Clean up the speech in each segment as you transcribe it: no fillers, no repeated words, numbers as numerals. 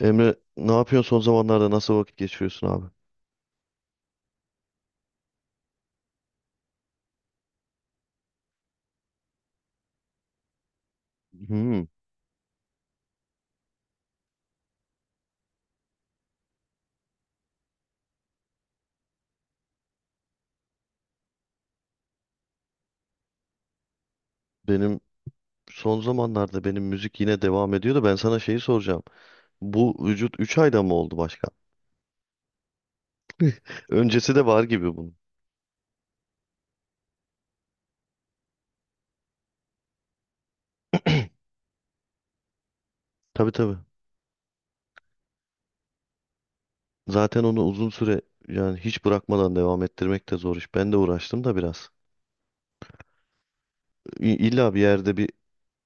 Emre ne yapıyorsun son zamanlarda nasıl vakit geçiriyorsun abi? Hmm, benim son zamanlarda benim müzik yine devam ediyor da ben sana şeyi soracağım. Bu vücut 3 ayda mı oldu başka? Öncesi de var gibi bunun. Tabii tabii. Zaten onu uzun süre yani hiç bırakmadan devam ettirmek de zor iş. Ben de uğraştım da biraz. İlla bir yerde bir,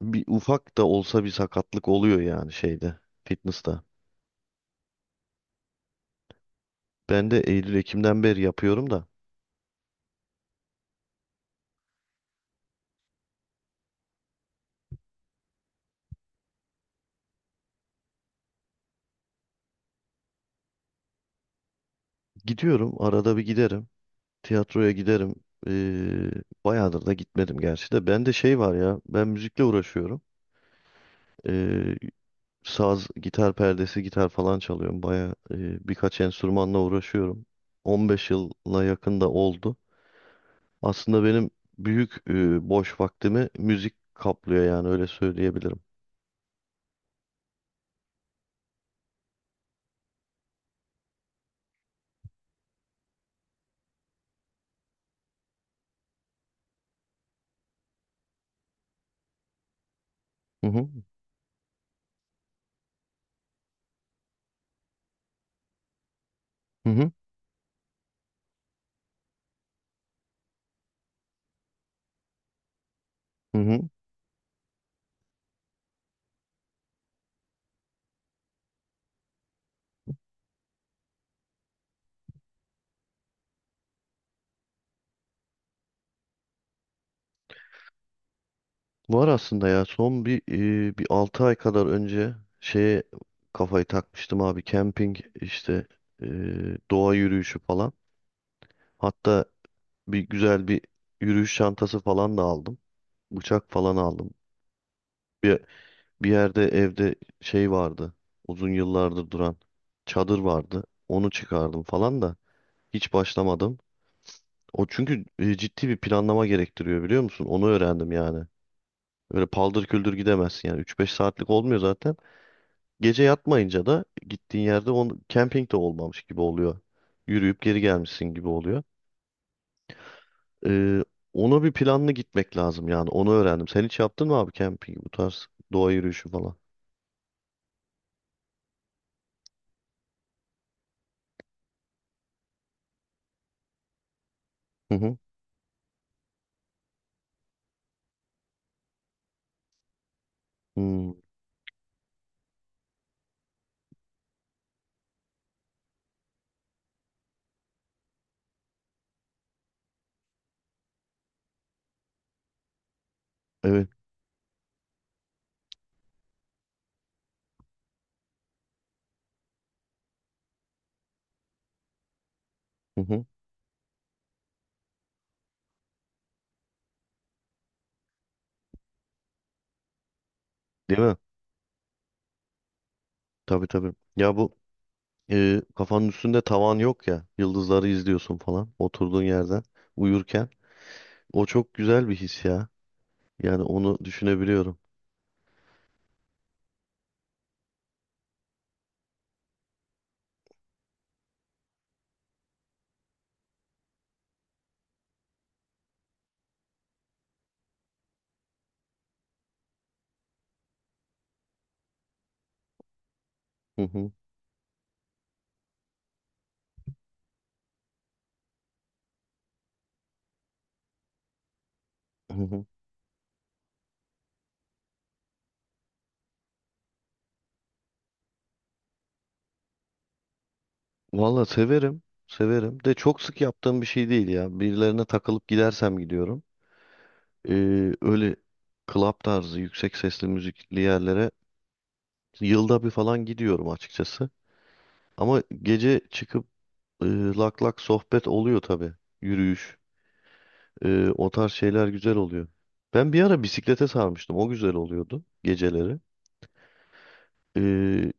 bir ufak da olsa bir sakatlık oluyor yani şeyde, fitness'ta. Ben de Eylül-Ekim'den beri yapıyorum da. Gidiyorum arada bir giderim. Tiyatroya giderim. Ee, bayağıdır da gitmedim gerçi de. Bende şey var ya. Ben müzikle uğraşıyorum. Ee, saz, gitar perdesi, gitar falan çalıyorum. Bayağı birkaç enstrümanla uğraşıyorum. 15 yıla yakın da oldu. Aslında benim büyük boş vaktimi müzik kaplıyor yani öyle söyleyebilirim. Hı hı. Hı hı. Hı hı. Var aslında ya son bir 6 ay kadar önce şeye kafayı takmıştım abi camping işte e, doğa yürüyüşü falan. Hatta bir güzel bir yürüyüş çantası falan da aldım. Bıçak falan aldım. Bir, bir yerde evde şey vardı. Uzun yıllardır duran çadır vardı. Onu çıkardım falan da hiç başlamadım. O çünkü ciddi bir planlama gerektiriyor biliyor musun? Onu öğrendim yani. Öyle paldır küldür gidemezsin yani üç beş saatlik olmuyor zaten. Gece yatmayınca da gittiğin yerde camping de olmamış gibi oluyor. Yürüyüp geri gelmişsin gibi oluyor. Ee, ona bir planlı gitmek lazım yani. Onu öğrendim. Sen hiç yaptın mı abi camping bu tarz doğa yürüyüşü falan? Hı hı. Hmm, evet. Hı hı. Değil mi? Tabii tabii. Ya bu kafanın üstünde tavan yok ya. Yıldızları izliyorsun falan oturduğun yerden uyurken. O çok güzel bir his ya. Yani onu düşünebiliyorum. Hı hı, hı hı. Valla severim. Severim. De çok sık yaptığım bir şey değil ya. Birilerine takılıp gidersem gidiyorum. Öyle club tarzı yüksek sesli müzikli yerlere yılda bir falan gidiyorum açıkçası. Ama gece çıkıp e, lak lak sohbet oluyor tabii. Yürüyüş. O tarz şeyler güzel oluyor. Ben bir ara bisiklete sarmıştım. O güzel oluyordu geceleri. Ee,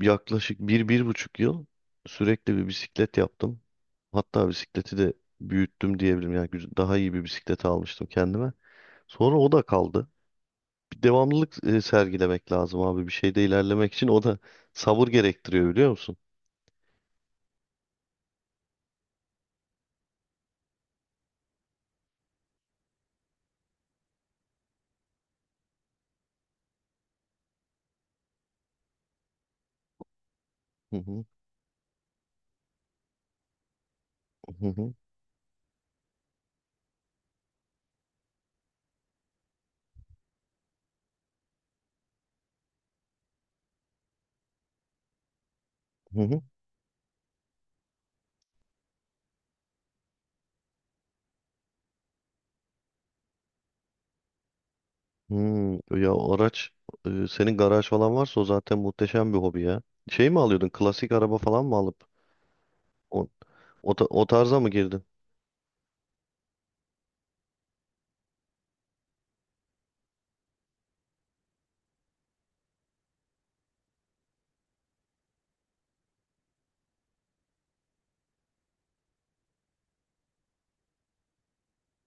yaklaşık bir, 1,5 yıl sürekli bir bisiklet yaptım. Hatta bisikleti de büyüttüm diyebilirim. Yani daha iyi bir bisiklet almıştım kendime. Sonra o da kaldı. Bir devamlılık sergilemek lazım abi. Bir şeyde ilerlemek için o da sabır gerektiriyor biliyor musun? Hı hı, hı hı, hı hı. Hmm, ya o araç senin garaj falan varsa o zaten muhteşem bir hobi ya. Şey mi alıyordun? Klasik araba falan mı alıp o, o tarza mı girdin?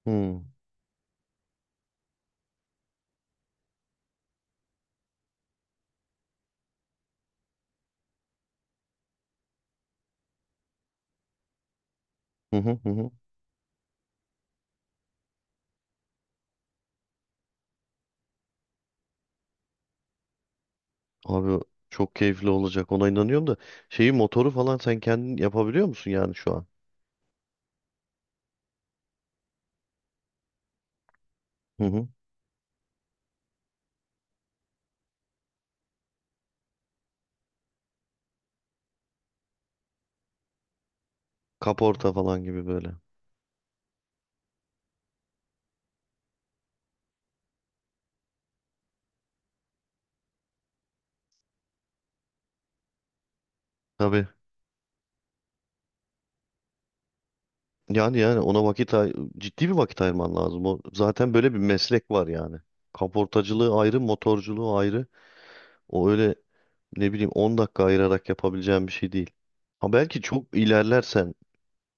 Hmm. Hı hı hı. hı. Abi çok keyifli olacak. Ona inanıyorum da şeyi motoru falan sen kendin yapabiliyor musun yani şu an? Hı hı. Kaporta falan gibi böyle. Tabii. Yani yani ona vakit ciddi bir vakit ayırman lazım. O zaten böyle bir meslek var yani. Kaportacılığı ayrı, motorculuğu ayrı. O öyle ne bileyim 10 dakika ayırarak yapabileceğim bir şey değil. Ha belki çok ilerlersen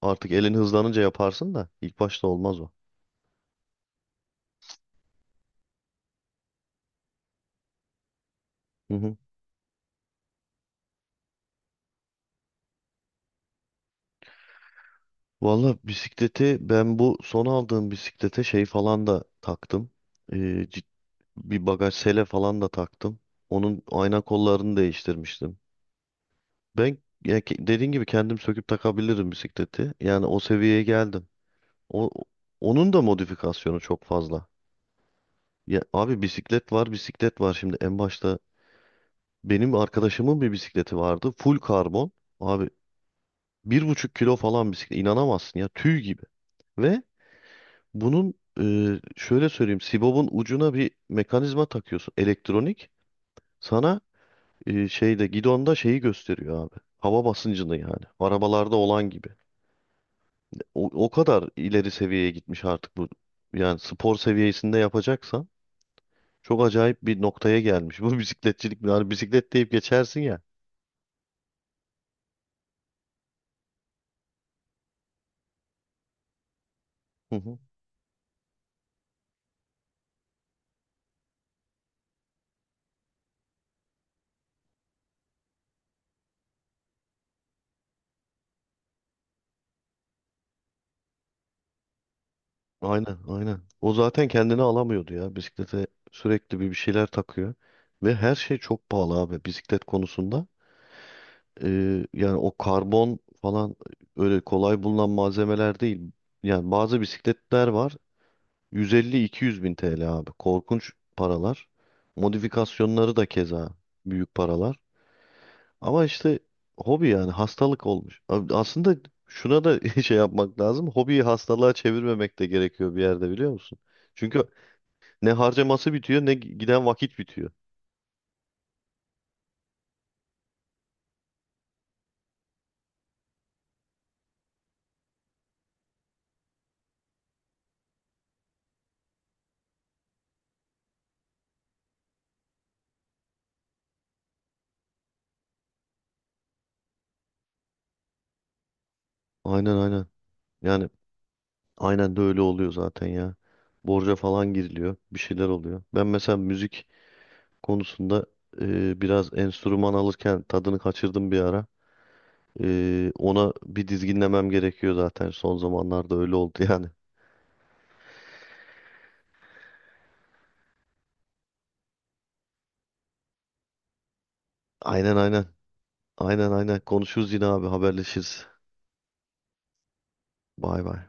artık elin hızlanınca yaparsın da ilk başta olmaz o. Hı hı. Valla bisikleti ben bu son aldığım bisiklete şey falan da taktım. Ee, cid- bir bagaj sele falan da taktım. Onun ayna kollarını değiştirmiştim. Ben ya dediğin gibi kendim söküp takabilirim bisikleti. Yani o seviyeye geldim. O, onun da modifikasyonu çok fazla. Ya abi bisiklet var, bisiklet var. Şimdi en başta benim arkadaşımın bir bisikleti vardı. Full karbon. Abi 1,5 kilo falan bisiklet. İnanamazsın ya tüy gibi. Ve bunun e, şöyle söyleyeyim. Sibob'un ucuna bir mekanizma takıyorsun. Elektronik. Sana şeyde gidonda şeyi gösteriyor abi. Hava basıncını yani. Arabalarda olan gibi. O kadar ileri seviyeye gitmiş artık bu. Yani spor seviyesinde yapacaksan çok acayip bir noktaya gelmiş. Bu bisikletçilik. Yani bisiklet deyip geçersin ya. Aynen, aynen. O zaten kendini alamıyordu ya. Bisiklete sürekli bir şeyler takıyor. Ve her şey çok pahalı abi bisiklet konusunda. Yani o karbon falan öyle kolay bulunan malzemeler değil. Yani bazı bisikletler var. 150-200 bin TL abi. Korkunç paralar. Modifikasyonları da keza büyük paralar. Ama işte hobi yani hastalık olmuş. Abi aslında şuna da şey yapmak lazım. Hobiyi hastalığa çevirmemek de gerekiyor bir yerde biliyor musun? Çünkü ne harcaması bitiyor ne giden vakit bitiyor. Aynen aynen. Yani aynen de öyle oluyor zaten ya. Borca falan giriliyor. Bir şeyler oluyor. Ben mesela müzik konusunda biraz enstrüman alırken tadını kaçırdım bir ara. Ona bir dizginlemem gerekiyor zaten. Son zamanlarda öyle oldu yani. Aynen aynen. Aynen aynen. Konuşuruz yine abi haberleşiriz. Bay bay.